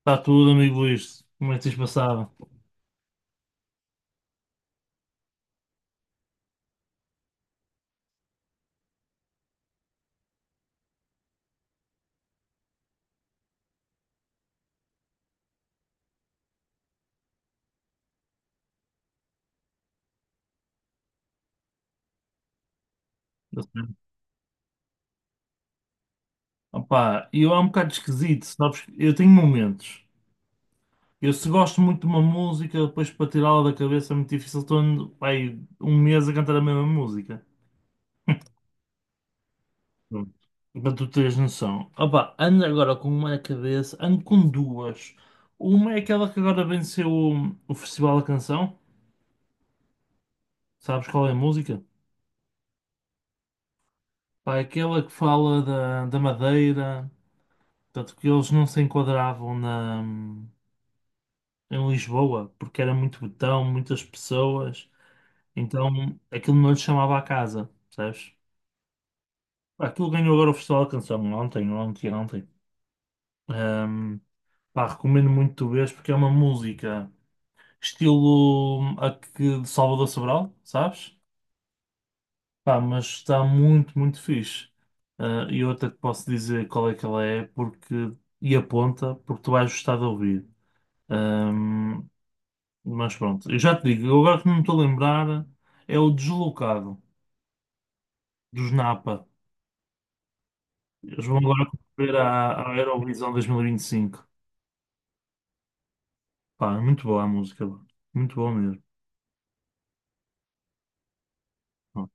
Está tudo, amigo Luís. Como é que tens passado? Tá certo. Opá, eu é um bocado esquisito, sabes? Eu tenho momentos. Eu se gosto muito de uma música, depois para tirá-la da cabeça é muito difícil. Estou ando, pá, aí um mês a cantar a mesma música. Pronto. Para tu teres noção. Opá, ando agora com uma na cabeça, ando com duas. Uma é aquela que agora venceu o Festival da Canção. Sabes qual é a música? Pá, é aquela que fala da Madeira. Portanto, que eles não se enquadravam na em Lisboa, porque era muito botão, muitas pessoas, então aquilo não lhe chamava a casa, sabes. Aquilo ganhou agora o Festival da Canção ontem, ontem, ontem. Ahm, Pá, recomendo muito tu vês porque é uma música estilo a que de Salvador Sobral, sabes? Pá, mas está muito, muito fixe. Ah, e eu até te posso dizer qual é que ela é porque, e aponta, porque tu vais gostar de ouvir. Ahm, Mas pronto, eu já te digo, eu agora que não me estou a lembrar, é o Deslocado, dos Napa. Eles vão agora ver a Eurovisão 2025. Pá, é muito boa a música, pá. Muito boa mesmo. Pá,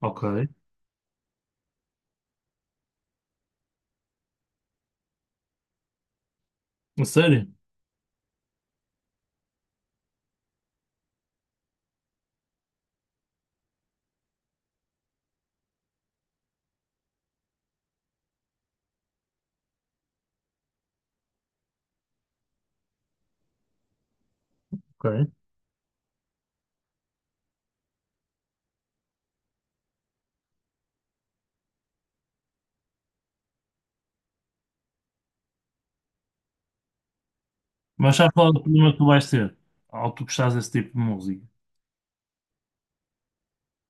ok, a sério? Ok. Mas sabes qual é o problema que tu vais ter ao tu gostares desse tipo de música?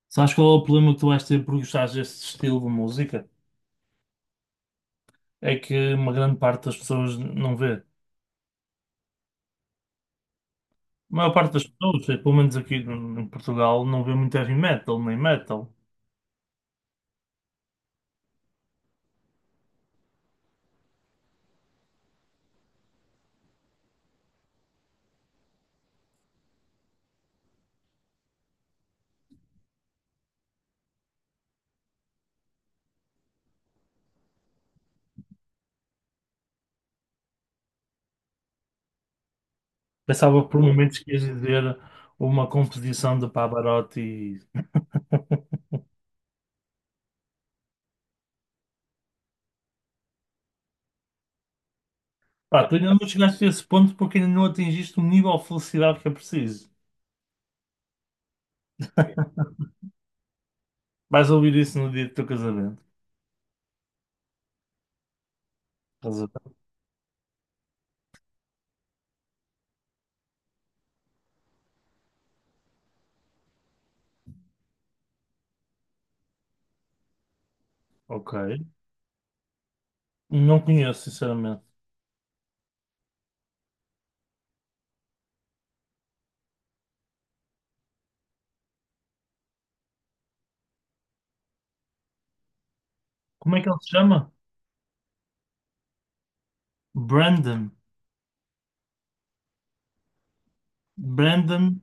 Sabes qual é o problema que tu vais ter por gostares desse estilo de música? É que uma grande parte das pessoas não vê. A maior parte das pessoas, pelo menos aqui em Portugal, não vê muito heavy metal, nem metal. Pensava por momentos que ias dizer uma composição de Pavarotti. Pá, tu ainda não chegaste a esse ponto porque ainda não atingiste o nível de felicidade que é preciso. Vais ouvir isso no dia do teu casamento. Estás a ver? Ok. Não conheço, sinceramente. Como é que ele se chama? Brandon. Brandon.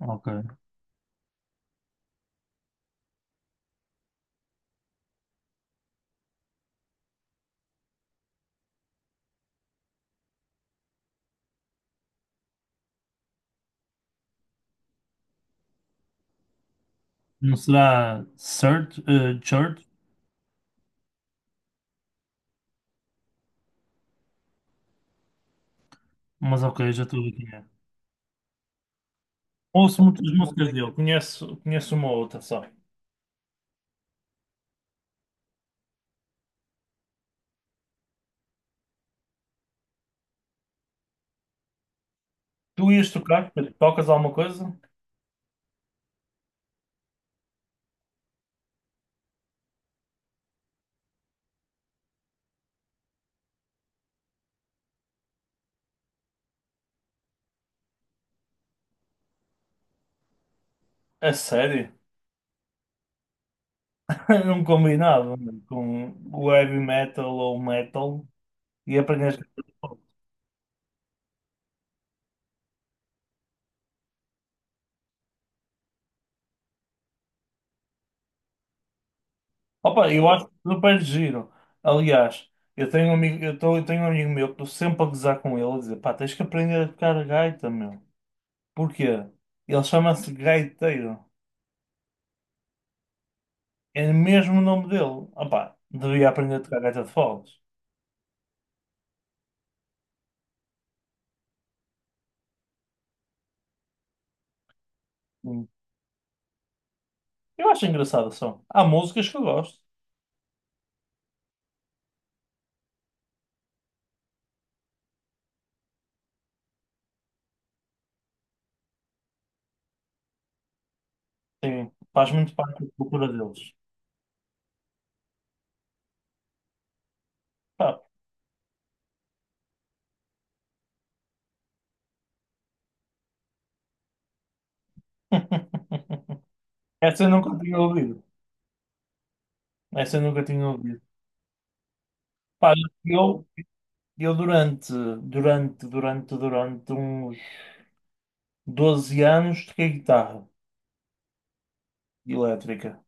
Ok. Não será Sir, Church? Mas ok, já estou a ver quem é. Ouço muitas músicas dele. Conheço, conheço uma ou outra só. Tu ias tocar? Tocas alguma coisa? A sério? Não combinava mano, com o heavy metal ou o metal e aprendes. Opa, eu acho super giro. Aliás, eu tenho um amigo, eu tenho um amigo meu que estou sempre a gozar com ele a dizer, pá, tens que aprender a tocar gaita, meu. Porquê? Ele chama-se gaiteiro. É mesmo o nome dele. Opá, devia aprender a tocar gaita de foles. Hum. Eu acho engraçado só. Há músicas que eu gosto. Sim, faz muito parte da cultura deles. Pá. Essa eu nunca tinha ouvido. Essa eu nunca tinha ouvido. Pá, eu, eu durante, durante uns 12 anos toquei guitarra elétrica.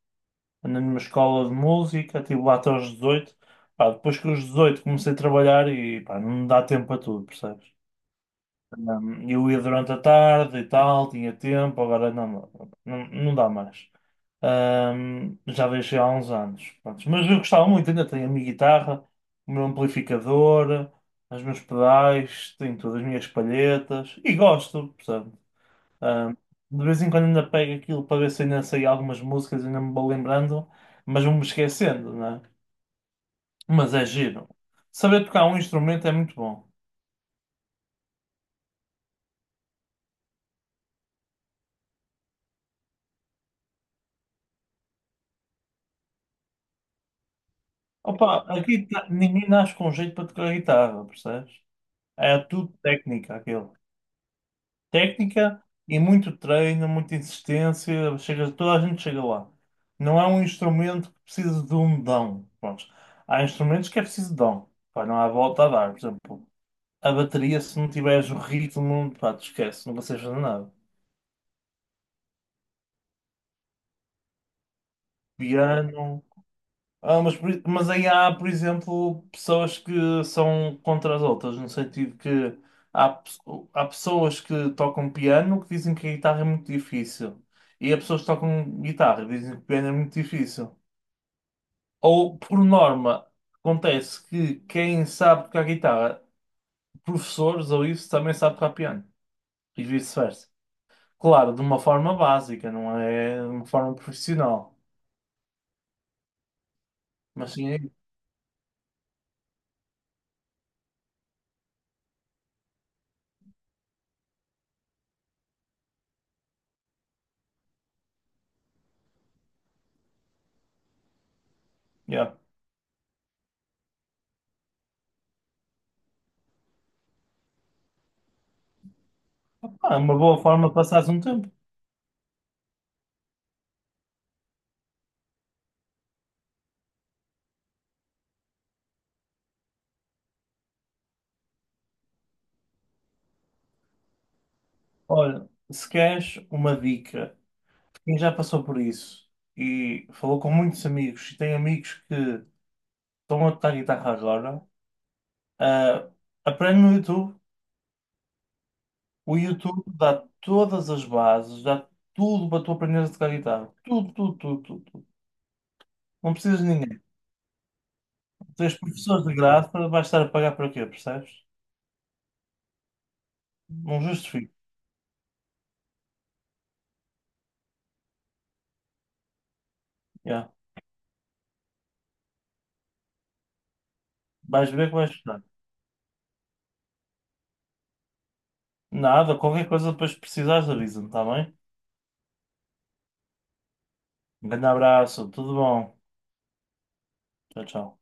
Andei numa escola de música, estive lá até aos 18. Pá, depois que os 18 comecei a trabalhar e pá, não me dá tempo para tudo, percebes? Eu ia durante a tarde e tal, tinha tempo, agora não, não dá mais. Já deixei há uns anos. Pronto, mas eu gostava muito, ainda tenho a minha guitarra, o meu amplificador, os meus pedais, tenho todas as minhas palhetas e gosto, percebe? Hum, de vez em quando ainda pego aquilo para ver se ainda sei algumas músicas, ainda me vou lembrando, mas vou-me esquecendo, não é? Mas é giro. Saber tocar um instrumento é muito bom. Opa, ninguém nasce com jeito para tocar guitarra, percebes? É tudo técnica, aquilo. Técnica e muito treino, muita insistência, chega, toda a gente chega lá. Não é um instrumento que precisa de um dom. Pronto. Há instrumentos que é preciso dom. Pá, não há volta a dar. Por exemplo, a bateria, se não tiveres o ritmo, pá, te esquece, não consegues fazer nada. Claro. Piano, ah, mas aí há, por exemplo, pessoas que são contra as outras, no sentido que há, pe- há pessoas que tocam piano que dizem que a guitarra é muito difícil. E há pessoas que tocam guitarra e dizem que o piano é muito difícil. Ou, por norma, acontece que quem sabe tocar guitarra, professores ou isso, também sabe tocar piano. E vice-versa. Claro, de uma forma básica, não é de uma forma profissional. Mas sim, é yeah. Ah, é uma boa forma de passares um tempo. Olha, se queres uma dica, quem já passou por isso e falou com muitos amigos e tem amigos que estão a tocar guitarra agora, ah, aprende no YouTube. O YouTube dá todas as bases, dá tudo para tu aprenderes a tocar guitarra. Tudo, tudo, tudo, tudo, tudo. Não precisas de ninguém. Tens professores de graça, vais estar a pagar para quê, percebes? Não justifico. Yeah. Vais ver que vais gostar. Nada, qualquer coisa depois que precisares, avisa-me, está bem? Um grande abraço, tudo bom. Tchau, tchau.